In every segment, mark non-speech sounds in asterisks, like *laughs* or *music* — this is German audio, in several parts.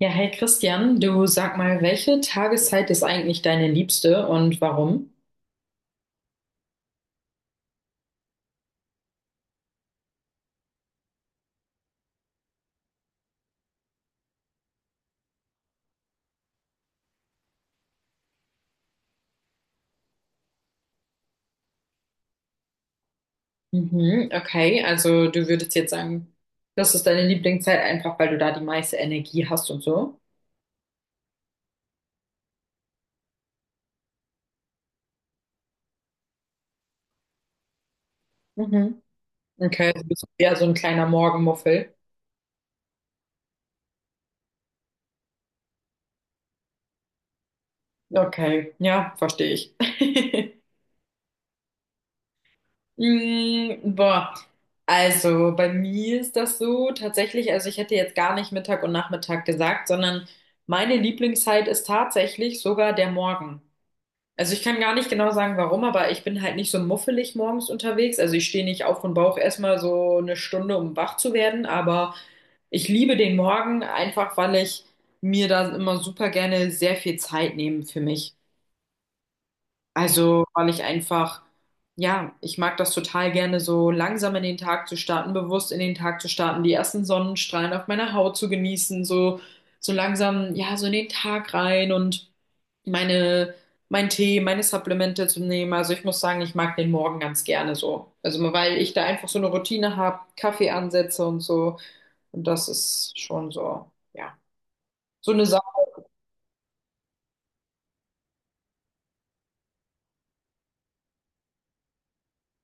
Ja, hey Christian, du sag mal, welche Tageszeit ist eigentlich deine liebste und warum? Mhm, okay, also du würdest jetzt sagen, das ist deine Lieblingszeit einfach, weil du da die meiste Energie hast und so. Mhm. Okay, du bist eher so ein kleiner Morgenmuffel. Okay, ja, verstehe ich. *laughs* Boah, also bei mir ist das so tatsächlich, also ich hätte jetzt gar nicht Mittag und Nachmittag gesagt, sondern meine Lieblingszeit ist tatsächlich sogar der Morgen. Also ich kann gar nicht genau sagen, warum, aber ich bin halt nicht so muffelig morgens unterwegs. Also ich stehe nicht auf und brauche erstmal so eine Stunde, um wach zu werden, aber ich liebe den Morgen einfach, weil ich mir da immer super gerne sehr viel Zeit nehme für mich. Also weil ich einfach, ja, ich mag das total gerne, so langsam in den Tag zu starten, bewusst in den Tag zu starten, die ersten Sonnenstrahlen auf meiner Haut zu genießen, so, so langsam, ja, so in den Tag rein und meine, mein Tee, meine Supplemente zu nehmen. Also ich muss sagen, ich mag den Morgen ganz gerne so. Also weil ich da einfach so eine Routine habe, Kaffee ansetze und so. Und das ist schon so, ja. So eine Sache.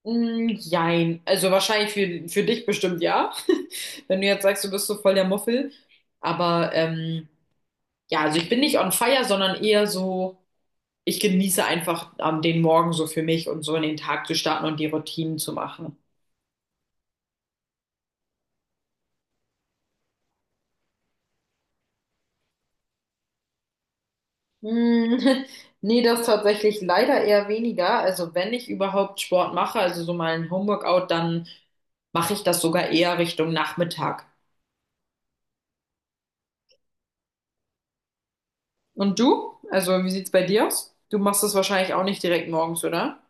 Mm, jein. Also wahrscheinlich für dich bestimmt ja. *laughs* Wenn du jetzt sagst, du bist so voll der Muffel. Aber ja, also ich bin nicht on fire, sondern eher so, ich genieße einfach den Morgen so für mich und so in den Tag zu starten und die Routinen zu machen. Hm, *laughs* nee, das tatsächlich leider eher weniger. Also wenn ich überhaupt Sport mache, also so mal ein Homeworkout, dann mache ich das sogar eher Richtung Nachmittag. Und du? Also wie sieht's bei dir aus? Du machst das wahrscheinlich auch nicht direkt morgens, oder?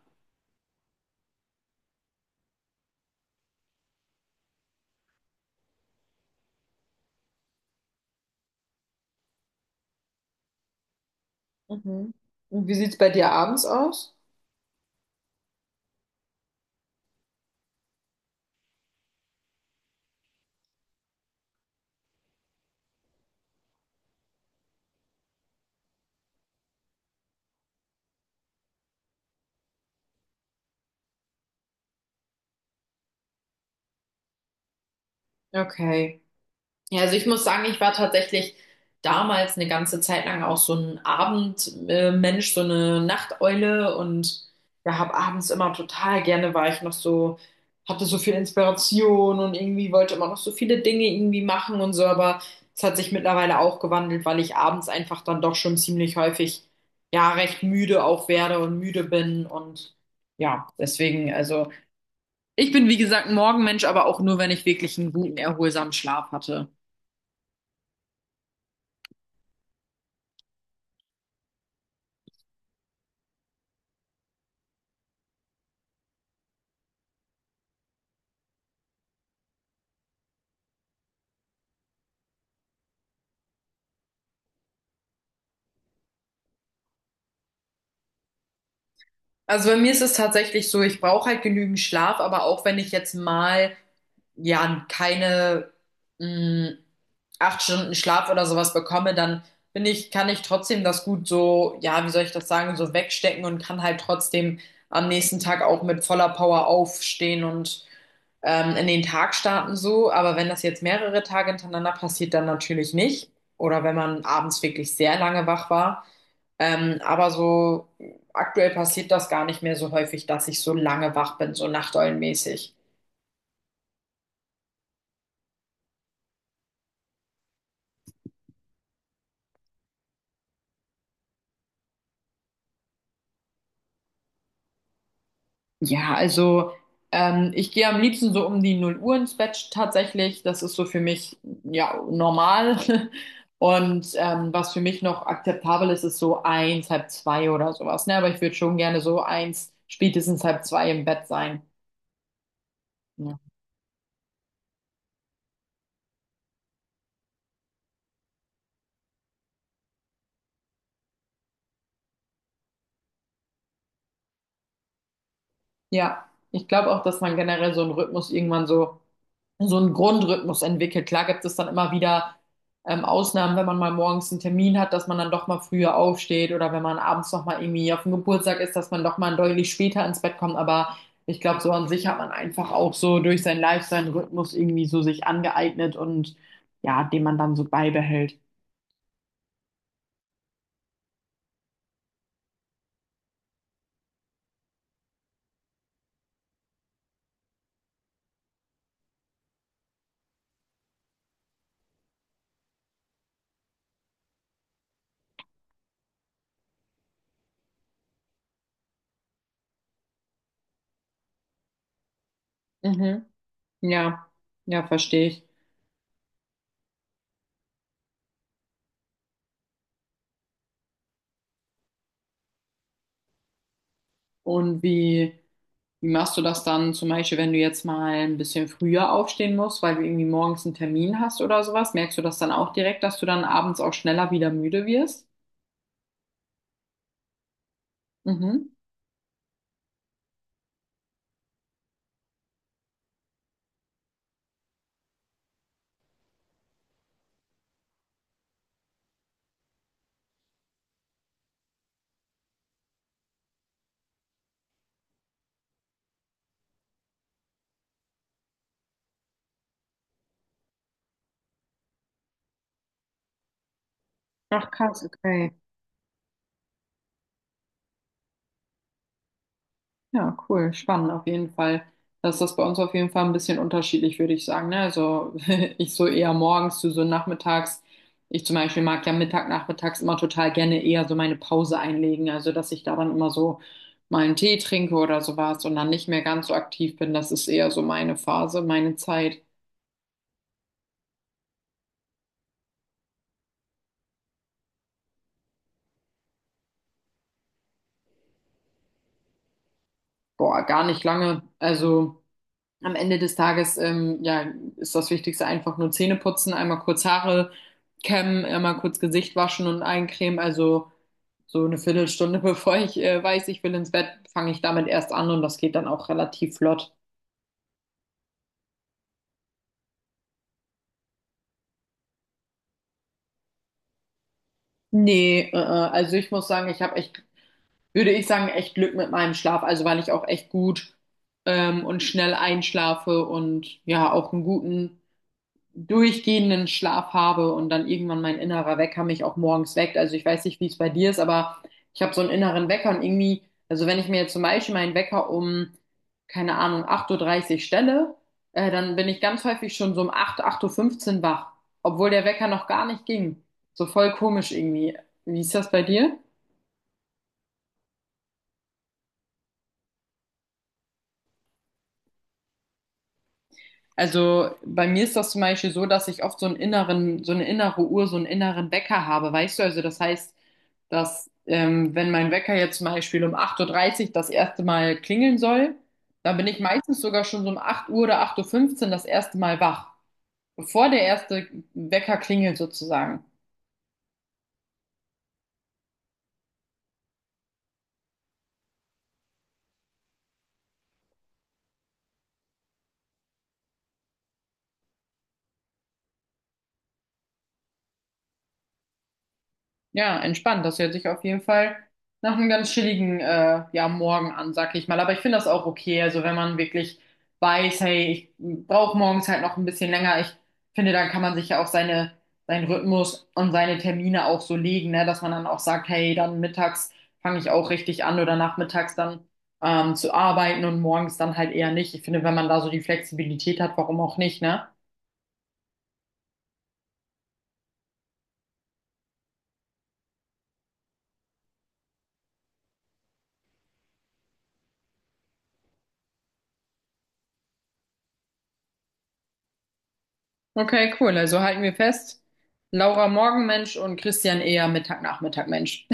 Mhm. Und wie sieht's bei dir abends aus? Okay. Ja, also ich muss sagen, ich war tatsächlich damals eine ganze Zeit lang auch so ein Abendmensch, so eine Nachteule und ja, habe abends immer total gerne war ich noch so, hatte so viel Inspiration und irgendwie wollte immer noch so viele Dinge irgendwie machen und so, aber es hat sich mittlerweile auch gewandelt, weil ich abends einfach dann doch schon ziemlich häufig ja recht müde auch werde und müde bin und ja, deswegen, also ich bin wie gesagt ein Morgenmensch, aber auch nur, wenn ich wirklich einen guten, erholsamen Schlaf hatte. Also bei mir ist es tatsächlich so, ich brauche halt genügend Schlaf, aber auch wenn ich jetzt mal ja keine mh, acht Stunden Schlaf oder sowas bekomme, dann bin ich, kann ich trotzdem das gut so, ja, wie soll ich das sagen, so wegstecken und kann halt trotzdem am nächsten Tag auch mit voller Power aufstehen und in den Tag starten so. Aber wenn das jetzt mehrere Tage hintereinander passiert, dann natürlich nicht. Oder wenn man abends wirklich sehr lange wach war. Aber so aktuell passiert das gar nicht mehr so häufig, dass ich so lange wach bin, so nachteulenmäßig. Ja, also ich gehe am liebsten so um die 0 Uhr ins Bett tatsächlich. Das ist so für mich ja normal. *laughs* Und was für mich noch akzeptabel ist, ist so eins, halb zwei oder sowas. Ne? Aber ich würde schon gerne so eins, spätestens halb zwei im Bett sein. Ja. Ja, ich glaube auch, dass man generell so einen Rhythmus irgendwann so, so einen Grundrhythmus entwickelt. Klar gibt es dann immer wieder Ausnahmen, wenn man mal morgens einen Termin hat, dass man dann doch mal früher aufsteht oder wenn man abends noch mal irgendwie auf dem Geburtstag ist, dass man doch mal deutlich später ins Bett kommt. Aber ich glaube, so an sich hat man einfach auch so durch seinen Lifestyle einen Rhythmus irgendwie so sich angeeignet und ja, den man dann so beibehält. Mhm. Ja, ja, verstehe ich. Und wie. Wie machst du das dann zum Beispiel, wenn du jetzt mal ein bisschen früher aufstehen musst, weil du irgendwie morgens einen Termin hast oder sowas? Merkst du das dann auch direkt, dass du dann abends auch schneller wieder müde wirst? Mhm. Ach krass, okay. Ja, cool, spannend auf jeden Fall. Das ist das bei uns auf jeden Fall ein bisschen unterschiedlich, würde ich sagen. Ne? Also *laughs* ich so eher morgens, du so nachmittags. Ich zum Beispiel mag ja Mittag, nachmittags immer total gerne eher so meine Pause einlegen. Also dass ich da dann immer so mal einen Tee trinke oder sowas und dann nicht mehr ganz so aktiv bin. Das ist eher so meine Phase, meine Zeit. Boah, gar nicht lange. Also am Ende des Tages, ja, ist das Wichtigste einfach nur Zähne putzen, einmal kurz Haare kämmen, einmal kurz Gesicht waschen und eincremen. Also so eine Viertelstunde, *laughs* bevor ich weiß, ich will ins Bett, fange ich damit erst an und das geht dann auch relativ flott. Nee, also ich muss sagen, ich habe echt, würde ich sagen, echt Glück mit meinem Schlaf, also weil ich auch echt gut und schnell einschlafe und ja, auch einen guten durchgehenden Schlaf habe und dann irgendwann mein innerer Wecker mich auch morgens weckt. Also ich weiß nicht, wie es bei dir ist, aber ich habe so einen inneren Wecker und irgendwie, also wenn ich mir jetzt zum Beispiel meinen Wecker um, keine Ahnung, 8.30 Uhr dreißig stelle, dann bin ich ganz häufig schon so um 8, 8.15 Uhr fünfzehn wach, obwohl der Wecker noch gar nicht ging. So voll komisch irgendwie. Wie ist das bei dir? Also bei mir ist das zum Beispiel so, dass ich oft so einen inneren, so eine innere Uhr, so einen inneren Wecker habe, weißt du? Also das heißt, dass wenn mein Wecker jetzt zum Beispiel um 8:30 Uhr das erste Mal klingeln soll, dann bin ich meistens sogar schon so um 8 Uhr oder 8:15 Uhr das erste Mal wach, bevor der erste Wecker klingelt sozusagen. Ja, entspannt. Das hört sich auf jeden Fall nach einem ganz chilligen ja, Morgen an, sag ich mal. Aber ich finde das auch okay. Also wenn man wirklich weiß, hey, ich brauche morgens halt noch ein bisschen länger. Ich finde, dann kann man sich ja auch seine, seinen Rhythmus und seine Termine auch so legen, ne? Dass man dann auch sagt, hey, dann mittags fange ich auch richtig an oder nachmittags dann zu arbeiten und morgens dann halt eher nicht. Ich finde, wenn man da so die Flexibilität hat, warum auch nicht, ne? Okay, cool. Also halten wir fest, Laura Morgenmensch und Christian eher Mittag-Nachmittag-Mensch.